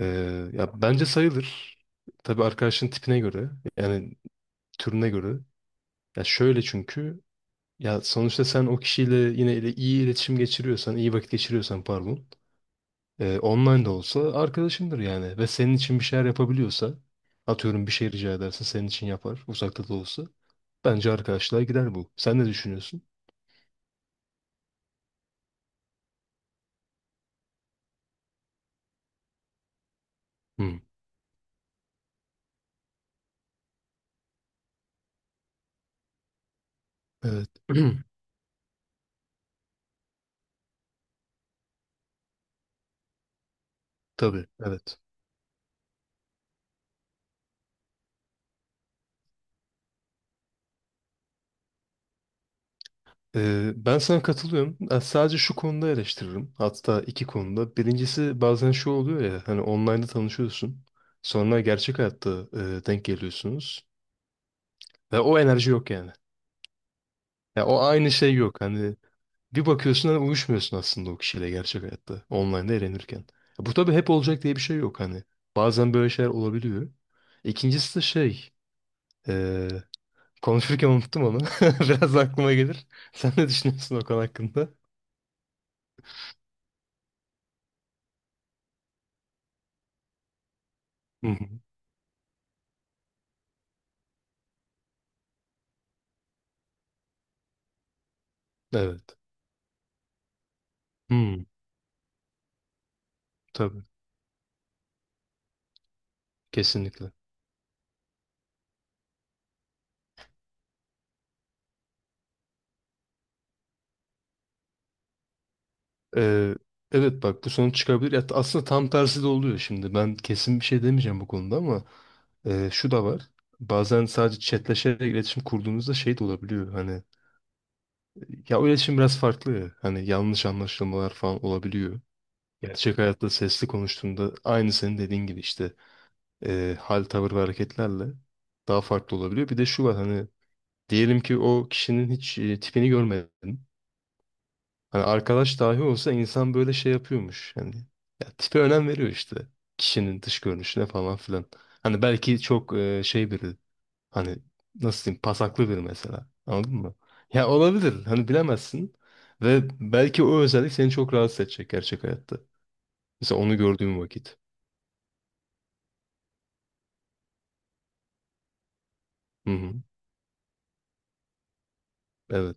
Ya bence sayılır. Tabii arkadaşın tipine göre, yani türüne göre. Ya şöyle çünkü ya sonuçta sen o kişiyle yine ile iyi iletişim geçiriyorsan, iyi vakit geçiriyorsan pardon, online de olsa arkadaşındır yani ve senin için bir şeyler yapabiliyorsa, atıyorum bir şey rica edersin senin için yapar, uzakta da olsa. Bence arkadaşlığa gider bu. Sen ne düşünüyorsun? Hı. Evet. Tabii, evet. Ben sana katılıyorum. Ben sadece şu konuda eleştiririm. Hatta iki konuda. Birincisi bazen şu oluyor ya hani online'da tanışıyorsun. Sonra gerçek hayatta denk geliyorsunuz. Ve o enerji yok yani. Ya o aynı şey yok. Hani bir bakıyorsun hani uyuşmuyorsun aslında o kişiyle gerçek hayatta. Online'da eğlenirken. Ya bu tabii hep olacak diye bir şey yok hani. Bazen böyle şeyler olabiliyor. İkincisi de şey. E, Konuşurken unuttum onu. Biraz aklıma gelir. Sen ne düşünüyorsun o konu hakkında? Hı hı. Evet. Hmm, tabii kesinlikle. Ee, evet bak bu sonuç çıkabilir. Ya, aslında tam tersi de oluyor şimdi. Ben kesin bir şey demeyeceğim bu konuda ama şu da var. Bazen sadece chatleşerek iletişim kurduğunuzda şey de olabiliyor. Hani ya o iletişim biraz farklı ya. Hani yanlış anlaşılmalar falan olabiliyor. Gerçek hayatta sesli konuştuğunda aynı senin dediğin gibi işte hal, tavır ve hareketlerle daha farklı olabiliyor. Bir de şu var hani diyelim ki o kişinin hiç tipini görmedin. Hani arkadaş dahi olsa insan böyle şey yapıyormuş. Yani ya tipe önem veriyor işte. Kişinin dış görünüşüne falan filan. Hani belki çok şey biri hani nasıl diyeyim pasaklı biri mesela. Anladın mı? Ya olabilir. Hani bilemezsin. Ve belki o özellik seni çok rahatsız edecek gerçek hayatta. Mesela onu gördüğüm vakit. Hı hı. Evet.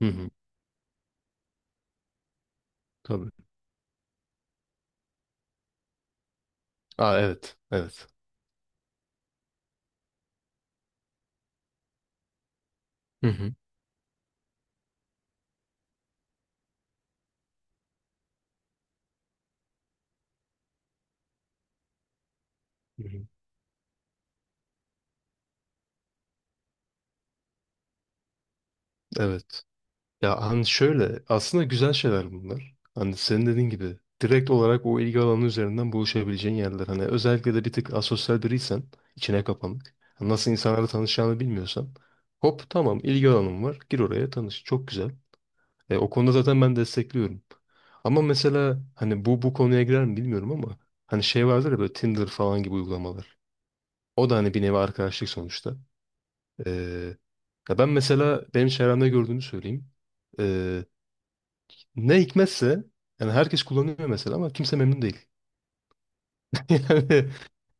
Hı hı. Tabii. Aa evet. Evet. Hı hı. Hı hı. Evet. Ya hani şöyle aslında güzel şeyler bunlar. Hani senin dediğin gibi direkt olarak o ilgi alanı üzerinden buluşabileceğin yerler. Hani özellikle de bir tık asosyal biriysen içine kapanık. Hani nasıl insanlarla tanışacağını bilmiyorsan hop tamam ilgi alanım var gir oraya tanış çok güzel. O konuda zaten ben destekliyorum. Ama mesela hani bu konuya girer mi bilmiyorum ama hani şey vardır ya böyle Tinder falan gibi uygulamalar. O da hani bir nevi arkadaşlık sonuçta. E, Ya ben mesela benim çevremde gördüğümü söyleyeyim. E, Ne hikmetse yani herkes kullanıyor mesela ama kimse memnun değil. Yani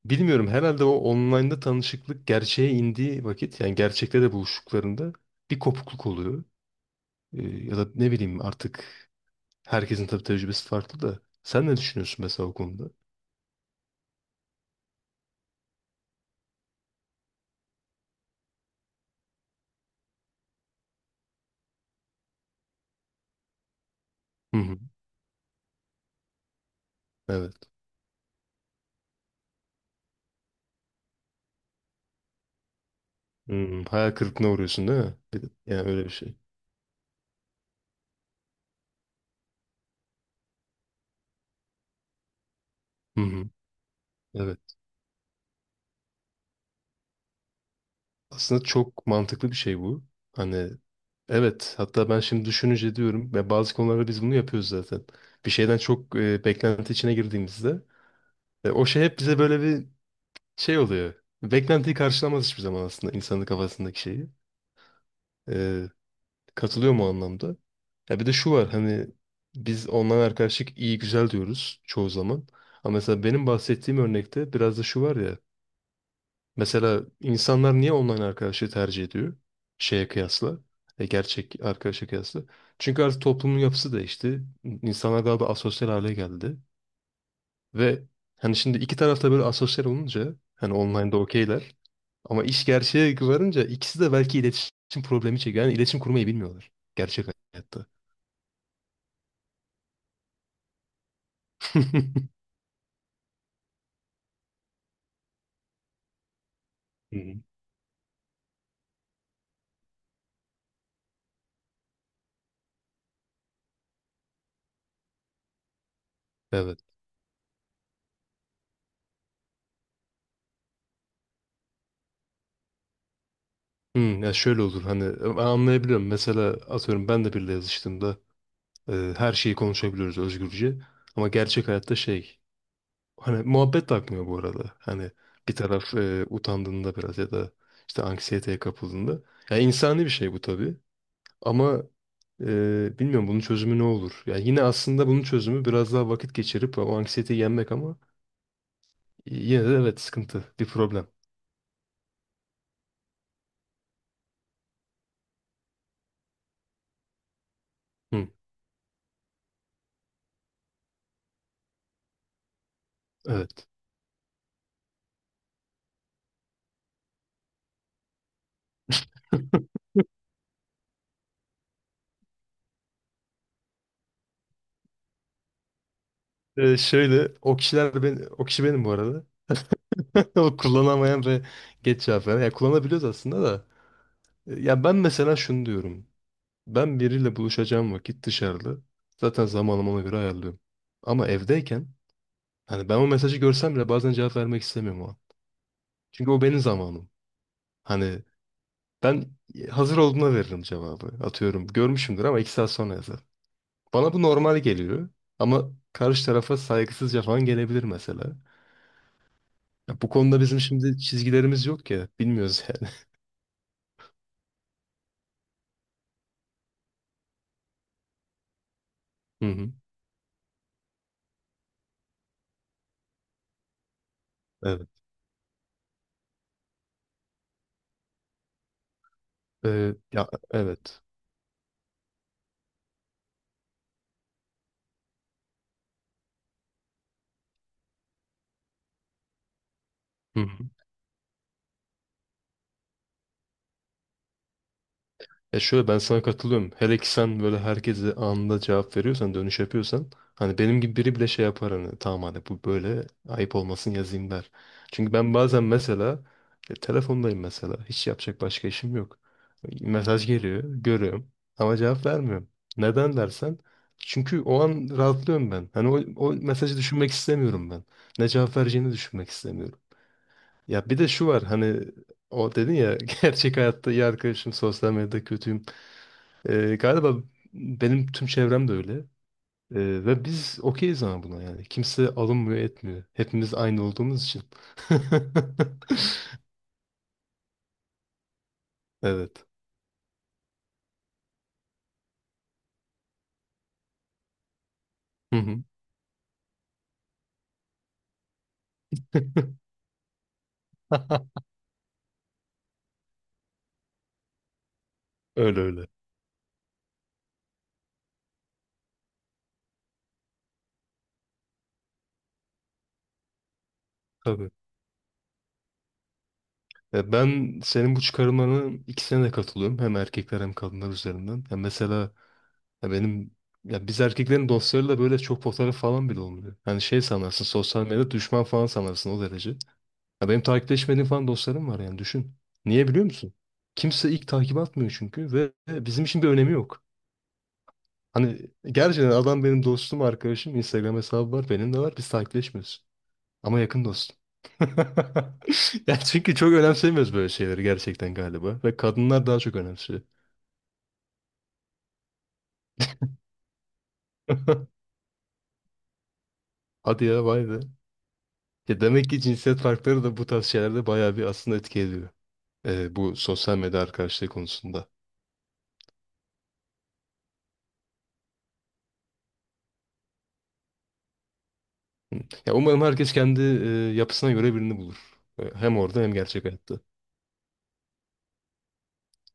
bilmiyorum herhalde o online'da tanışıklık gerçeğe indiği vakit yani gerçekte de buluştuklarında bir kopukluk oluyor. Ya da ne bileyim artık herkesin tabii tecrübesi farklı da sen ne düşünüyorsun mesela o konuda? Hı hı. Evet. Hmm, hayal kırıklığına uğruyorsun değil mi? Yani öyle bir şey. Hı hı. Evet. Aslında çok mantıklı bir şey bu. Hani Evet, hatta ben şimdi düşününce diyorum ve bazı konularda biz bunu yapıyoruz zaten. Bir şeyden çok beklenti içine girdiğimizde o şey hep bize böyle bir şey oluyor. Beklentiyi karşılamaz hiçbir zaman aslında insanın kafasındaki şeyi. E, Katılıyor mu o anlamda? Ya bir de şu var hani biz online arkadaşlık iyi güzel diyoruz çoğu zaman. Ama mesela benim bahsettiğim örnekte biraz da şu var ya mesela insanlar niye online arkadaşı tercih ediyor? Şeye kıyasla. Gerçek arkadaşa kıyasla. Çünkü artık toplumun yapısı değişti. İnsanlar daha da asosyal hale geldi. Ve hani şimdi iki tarafta böyle asosyal olunca hani online'da okeyler. Ama iş gerçeğe varınca ikisi de belki iletişim problemi çekiyor. Yani iletişim kurmayı bilmiyorlar. Gerçek hayatta. Hı hı. Evet. Hmm, ya şöyle olur hani ben anlayabiliyorum. Mesela atıyorum ben de biriyle yazıştığımda her şeyi konuşabiliyoruz özgürce. Ama gerçek hayatta şey hani muhabbet de akmıyor bu arada. Hani bir taraf utandığında biraz ya da işte anksiyeteye kapıldığında. Yani insani bir şey bu tabii. Ama bilmiyorum bunun çözümü ne olur? Yani yine aslında bunun çözümü biraz daha vakit geçirip o anksiyeteyi yenmek ama yine de evet sıkıntı, bir problem. Hı, evet. Şöyle o kişiler ben o kişi benim bu arada. O kullanamayan ve geç cevap veren. Ya kullanabiliyoruz aslında da. Ya ben mesela şunu diyorum. Ben biriyle buluşacağım vakit dışarıda. Zaten zamanımı ona göre ayarlıyorum. Ama evdeyken hani ben o mesajı görsem bile bazen cevap vermek istemiyorum o an. Çünkü o benim zamanım. Hani ben hazır olduğuna veririm cevabı. Atıyorum görmüşümdür ama iki saat sonra yazar. Bana bu normal geliyor. Ama karşı tarafa saygısızca falan gelebilir mesela. Ya bu konuda bizim şimdi çizgilerimiz yok ya. Bilmiyoruz yani. Hı hı. Evet. Ya evet. Hı hı. Ya şöyle ben sana katılıyorum. Hele ki sen böyle herkese anında cevap veriyorsan, dönüş yapıyorsan hani benim gibi biri bile şey yapar hani tamam hani bu böyle ayıp olmasın yazayım der. Çünkü ben bazen mesela telefondayım mesela. Hiç yapacak başka işim yok. Mesaj geliyor, görüyorum ama cevap vermiyorum. Neden dersen çünkü o an rahatlıyorum ben. Hani o mesajı düşünmek istemiyorum ben. Ne cevap vereceğini düşünmek istemiyorum. Ya bir de şu var hani o dedin ya gerçek hayatta iyi arkadaşım sosyal medyada kötüyüm. Galiba benim tüm çevrem de öyle. Ve biz okeyiz ama buna yani. Kimse alınmıyor etmiyor. Hepimiz aynı olduğumuz için. Evet. Hı hı. Öyle öyle. Tabii. Ya ben senin bu çıkarımlarına ikisine de katılıyorum. Hem erkekler hem kadınlar üzerinden. Ya mesela ya benim ya biz erkeklerin dostlarıyla böyle çok fotoğraf falan bile olmuyor. Hani şey sanarsın sosyal medyada düşman falan sanarsın o derece. Ya benim takipleşmediğim falan dostlarım var yani düşün. Niye biliyor musun? Kimse ilk takip atmıyor çünkü ve bizim için bir önemi yok. Hani gerçekten adam benim dostum, arkadaşım, Instagram hesabı var, benim de var. Biz takipleşmiyoruz. Ama yakın dostum. Ya çünkü çok önemsemiyoruz böyle şeyleri gerçekten galiba. Ve kadınlar daha çok önemsiyor. Hadi ya vay be. Ya demek ki cinsiyet farkları da bu tarz şeylerde bayağı bir aslında etki ediyor. Bu sosyal medya arkadaşlığı konusunda. Ya umarım herkes kendi yapısına göre birini bulur. Hem orada hem gerçek hayatta.